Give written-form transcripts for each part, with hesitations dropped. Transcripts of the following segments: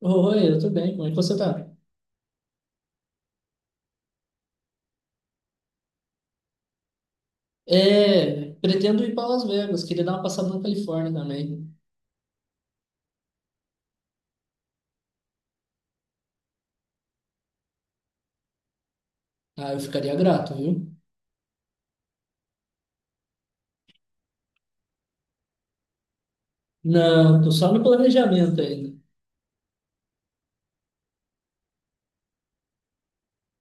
Oi, eu tô bem, como é que você tá? É, pretendo ir para Las Vegas, queria dar uma passada na Califórnia também. Ah, eu ficaria grato, viu? Não, tô só no planejamento ainda.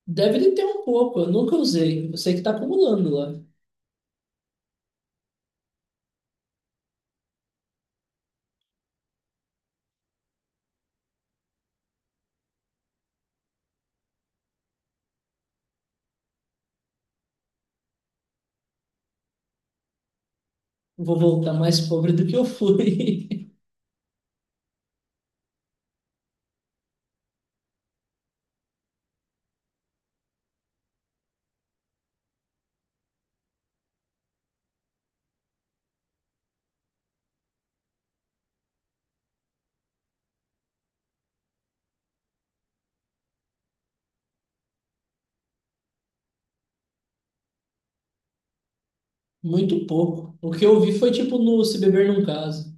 Deve ter um pouco, eu nunca usei. Eu sei que tá acumulando lá. Vou voltar mais pobre do que eu fui. Muito pouco. O que eu vi foi tipo no Se Beber Não Case.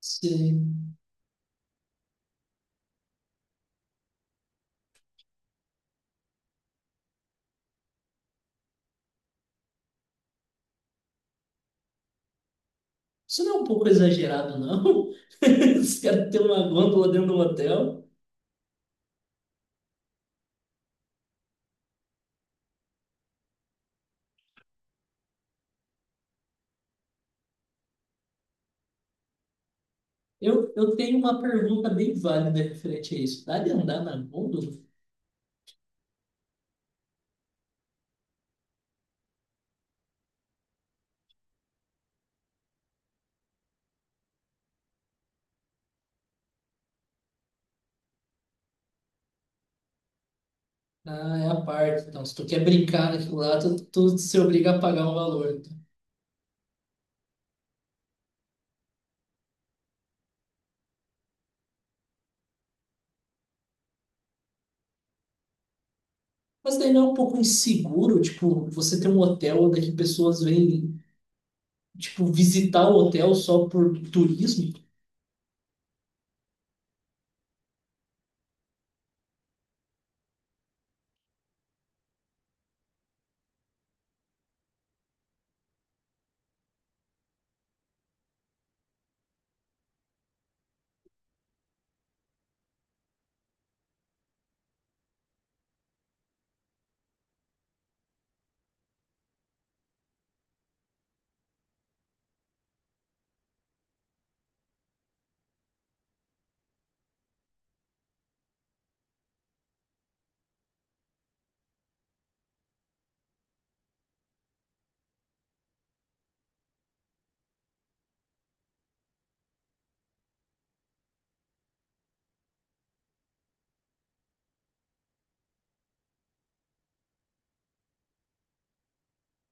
Sim. Isso não é um pouco exagerado, não? Os caras têm uma gôndola dentro do hotel. Eu tenho uma pergunta bem válida referente a isso. Dá de andar na gôndola? Ah, é a parte. Então, se tu quer brincar naquilo lá, tu se obriga a pagar um valor. Então. Mas daí não é um pouco inseguro, tipo, você ter um hotel onde que pessoas vêm, tipo, visitar o hotel só por turismo?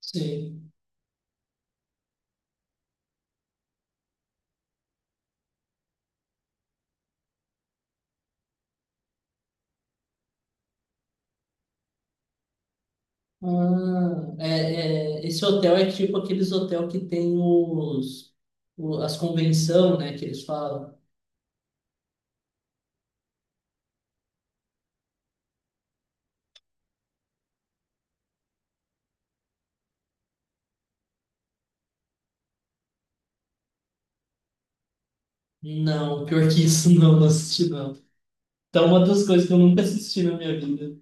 Sim. Ah, é, esse hotel é tipo aqueles hotel que tem as convenção, né, que eles falam. Não, pior que isso, não, não assisti, não. Então, uma das coisas que eu nunca assisti na minha vida.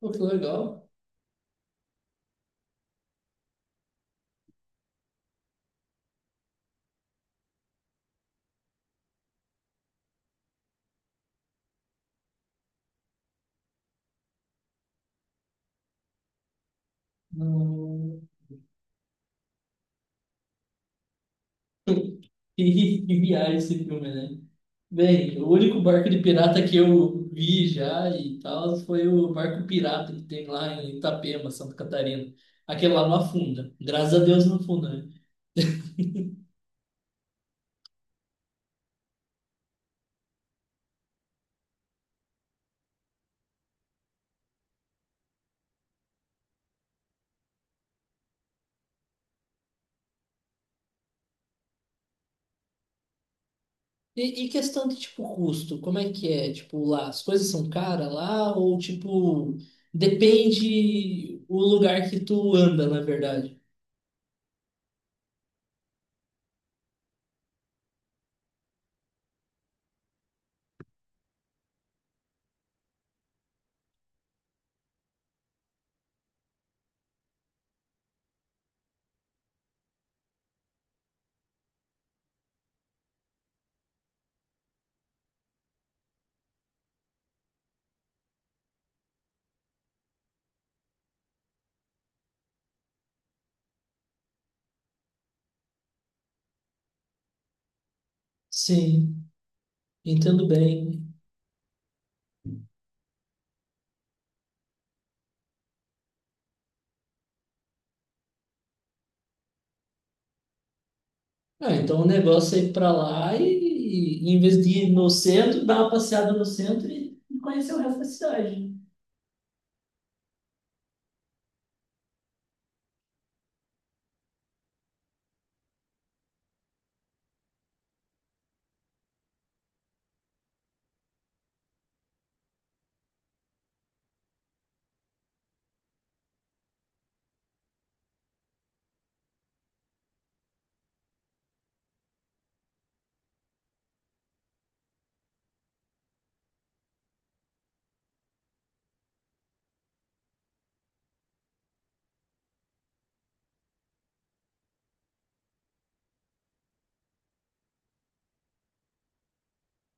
Pô, que legal. Hum. Que viagem esse filme, né? Bem, o único barco de pirata que eu vi já e tal foi o barco pirata que tem lá em Itapema, Santa Catarina. Aquele lá não afunda. Graças a Deus não afunda, né? E questão de, tipo, custo, como é que é? Tipo, lá, as coisas são caras lá ou, tipo, depende o lugar que tu anda, na verdade? Sim, entendo bem. Ah, então o negócio é ir pra lá e em vez de ir no centro, dar uma passeada no centro e conhecer o resto da cidade.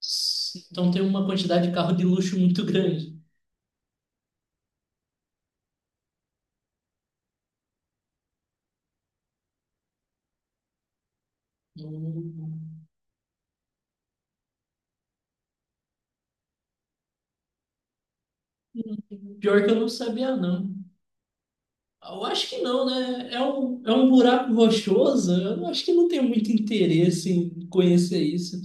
Então tem uma quantidade de carro de luxo muito grande. Hum. Pior que eu não sabia, não. Eu acho que não, né? É um buraco rochoso. Eu acho que não tem muito interesse em conhecer isso.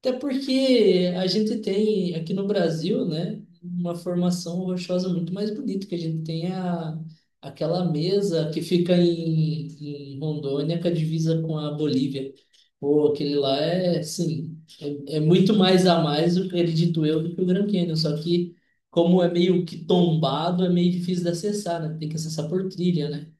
Até porque a gente tem aqui no Brasil, né, uma formação rochosa muito mais bonita, que a gente tem aquela mesa que fica em Rondônia, que a divisa com a Bolívia. Pô, aquele lá é, sim, é muito mais a mais, eu acredito eu, do que o Grand Canyon. Só que, como é meio que tombado, é meio difícil de acessar, né? Tem que acessar por trilha, né?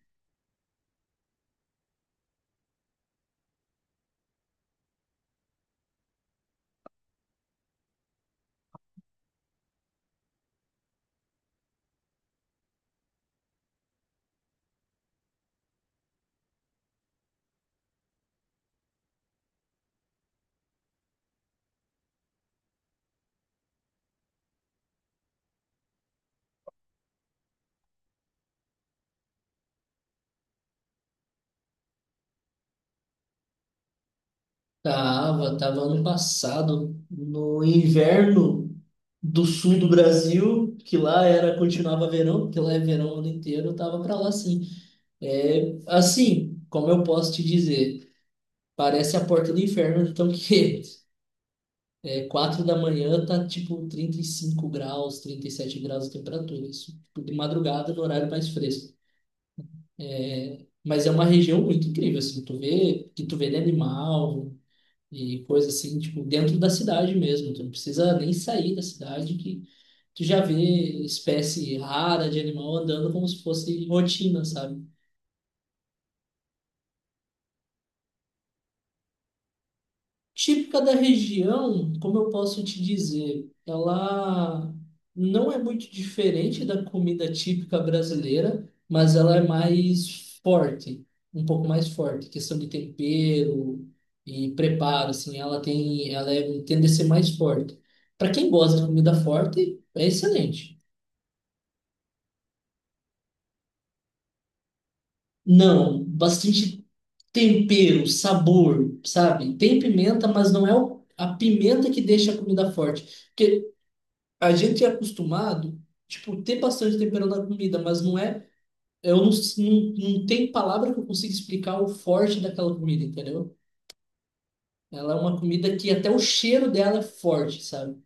Tava ano passado, no inverno do sul do Brasil, que lá era, continuava verão, porque lá é verão o ano inteiro, eu tava pra lá sim. É, assim, como eu posso te dizer, parece a porta do inferno, então que 4 da manhã tá tipo 35 graus, 37 graus de temperatura, isso tipo, de madrugada no horário mais fresco. Mas é uma região muito incrível, assim, tu vê que tu vê de animal. E coisa assim, tipo, dentro da cidade mesmo. Tu não precisa nem sair da cidade que tu já vê espécie rara de animal andando como se fosse rotina, sabe? Típica da região, como eu posso te dizer, ela não é muito diferente da comida típica brasileira, mas ela é mais forte, um pouco mais forte, questão de tempero e preparo, assim, ela tem, ela é, tende a ser mais forte. Para quem gosta de comida forte, é excelente. Não, bastante tempero, sabor, sabe? Tem pimenta, mas não é a pimenta que deixa a comida forte. Porque a gente é acostumado, tipo, ter bastante tempero na comida, mas não é. Eu não, não, não tem palavra que eu consiga explicar o forte daquela comida, entendeu? Ela é uma comida que até o cheiro dela é forte, sabe?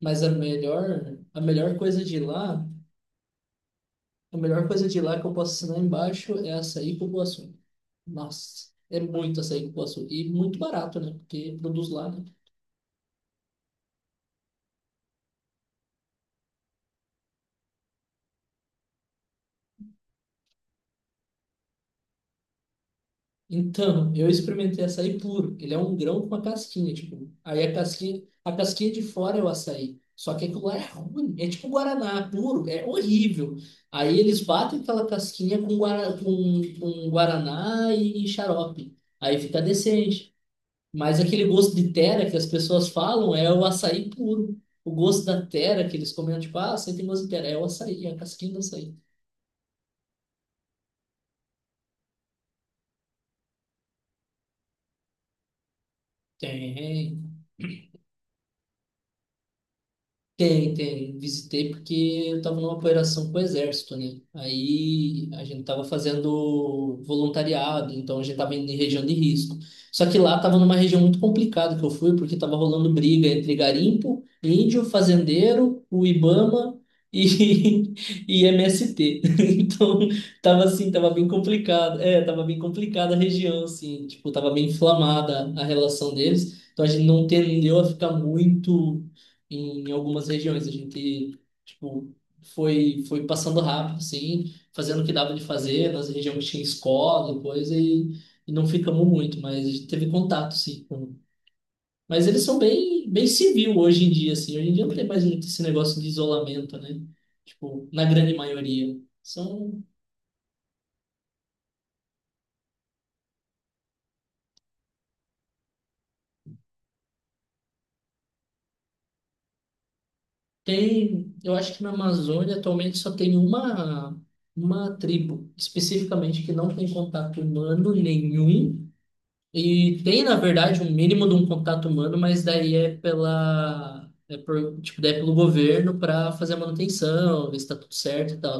Mas a melhor coisa de lá, a melhor coisa de lá que eu posso assinar embaixo é açaí com cupuaçu. Nossa, é muito açaí com cupuaçu. E muito barato, né? Porque produz lá, né? Então, eu experimentei açaí puro. Ele é um grão com uma casquinha, tipo. Aí a casquinha de fora é o açaí. Só que aquilo lá é ruim. É tipo guaraná puro, é horrível. Aí eles batem aquela casquinha com guaraná e xarope. Aí fica decente. Mas aquele gosto de tera que as pessoas falam é o açaí puro. O gosto da tera que eles comentam, tipo, ah, você tem gosto de tera. É o açaí, é a casquinha do açaí. Tem. Tem, tem. Visitei porque eu estava numa operação com o exército, né? Aí a gente estava fazendo voluntariado, então a gente estava indo em região de risco. Só que lá estava numa região muito complicada que eu fui, porque estava rolando briga entre garimpo, índio, fazendeiro, o Ibama e, e MST. Então tava assim, tava bem complicado. É, tava bem complicada a região, assim. Tipo, tava bem inflamada a relação deles. Então a gente não tendeu a ficar muito em algumas regiões. A gente, tipo, foi passando rápido, assim, fazendo o que dava de fazer, nas regiões que tinha escola e coisa, e não ficamos muito, mas a gente teve contato, sim. Mas eles são bem, bem civil hoje em dia, assim. Hoje em dia não tem mais muito esse negócio de isolamento, né? Tipo, na grande maioria. São, tem, eu acho que na Amazônia atualmente só tem uma tribo especificamente que não tem contato humano nenhum. E tem, na verdade, um mínimo de um contato humano, mas daí é pela. É por, tipo, daí é pelo governo para fazer a manutenção, ver se tá tudo certo e tal.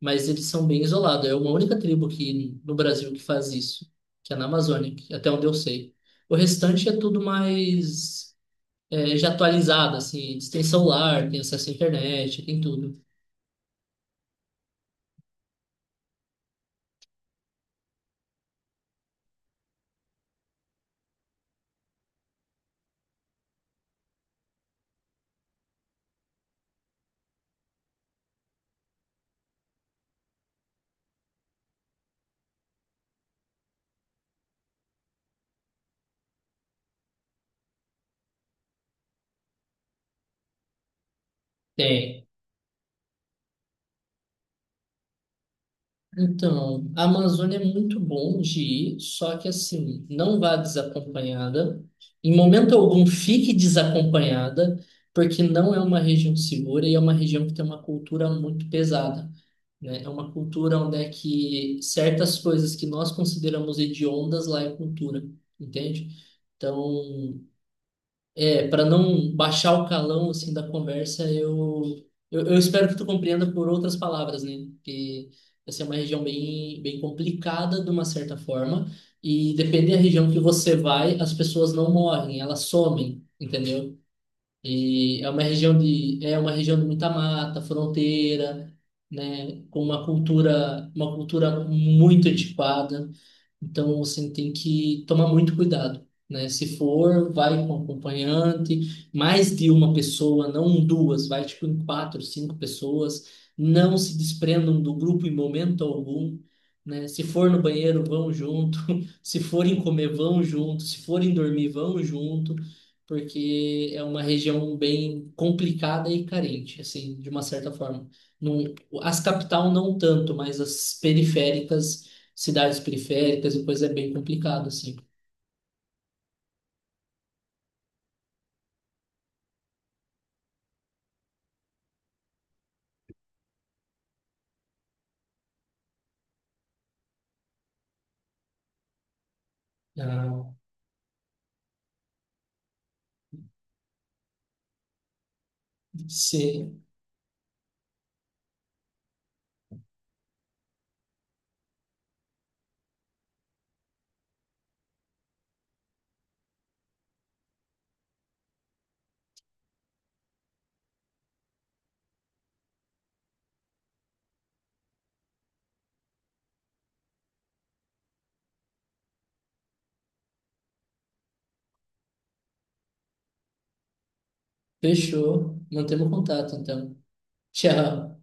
Mas eles são bem isolados. É uma única tribo aqui no Brasil que faz isso, que é na Amazônia, até onde eu sei. O restante é tudo mais já atualizado, assim. Eles têm celular, têm acesso à internet, tem tudo. Tem. Então, a Amazônia é muito bom de ir, só que assim, não vá desacompanhada. Em momento algum, fique desacompanhada, porque não é uma região segura e é uma região que tem uma cultura muito pesada, né? É uma cultura onde é que certas coisas que nós consideramos hediondas lá é cultura, entende? Então, para não baixar o calão assim da conversa, eu espero que tu compreenda por outras palavras, né? Que essa é uma região bem bem complicada de uma certa forma e depende da região que você vai, as pessoas não morrem, elas somem, entendeu? É uma região de muita mata, fronteira, né? Com uma cultura muito antiquada. Então você tem que tomar muito cuidado, né? Se for, vai com um acompanhante, mais de uma pessoa, não duas, vai tipo em quatro, cinco pessoas. Não se desprendam do grupo em momento algum, né? Se for no banheiro, vão junto. Se forem comer, vão junto. Se forem dormir, vão junto, porque é uma região bem complicada e carente, assim, de uma certa forma. Não, as capital não tanto, mas as periféricas cidades periféricas, e coisa é bem complicado, assim. Ah, sim. Fechou. Mantemos contato, então. Tchau.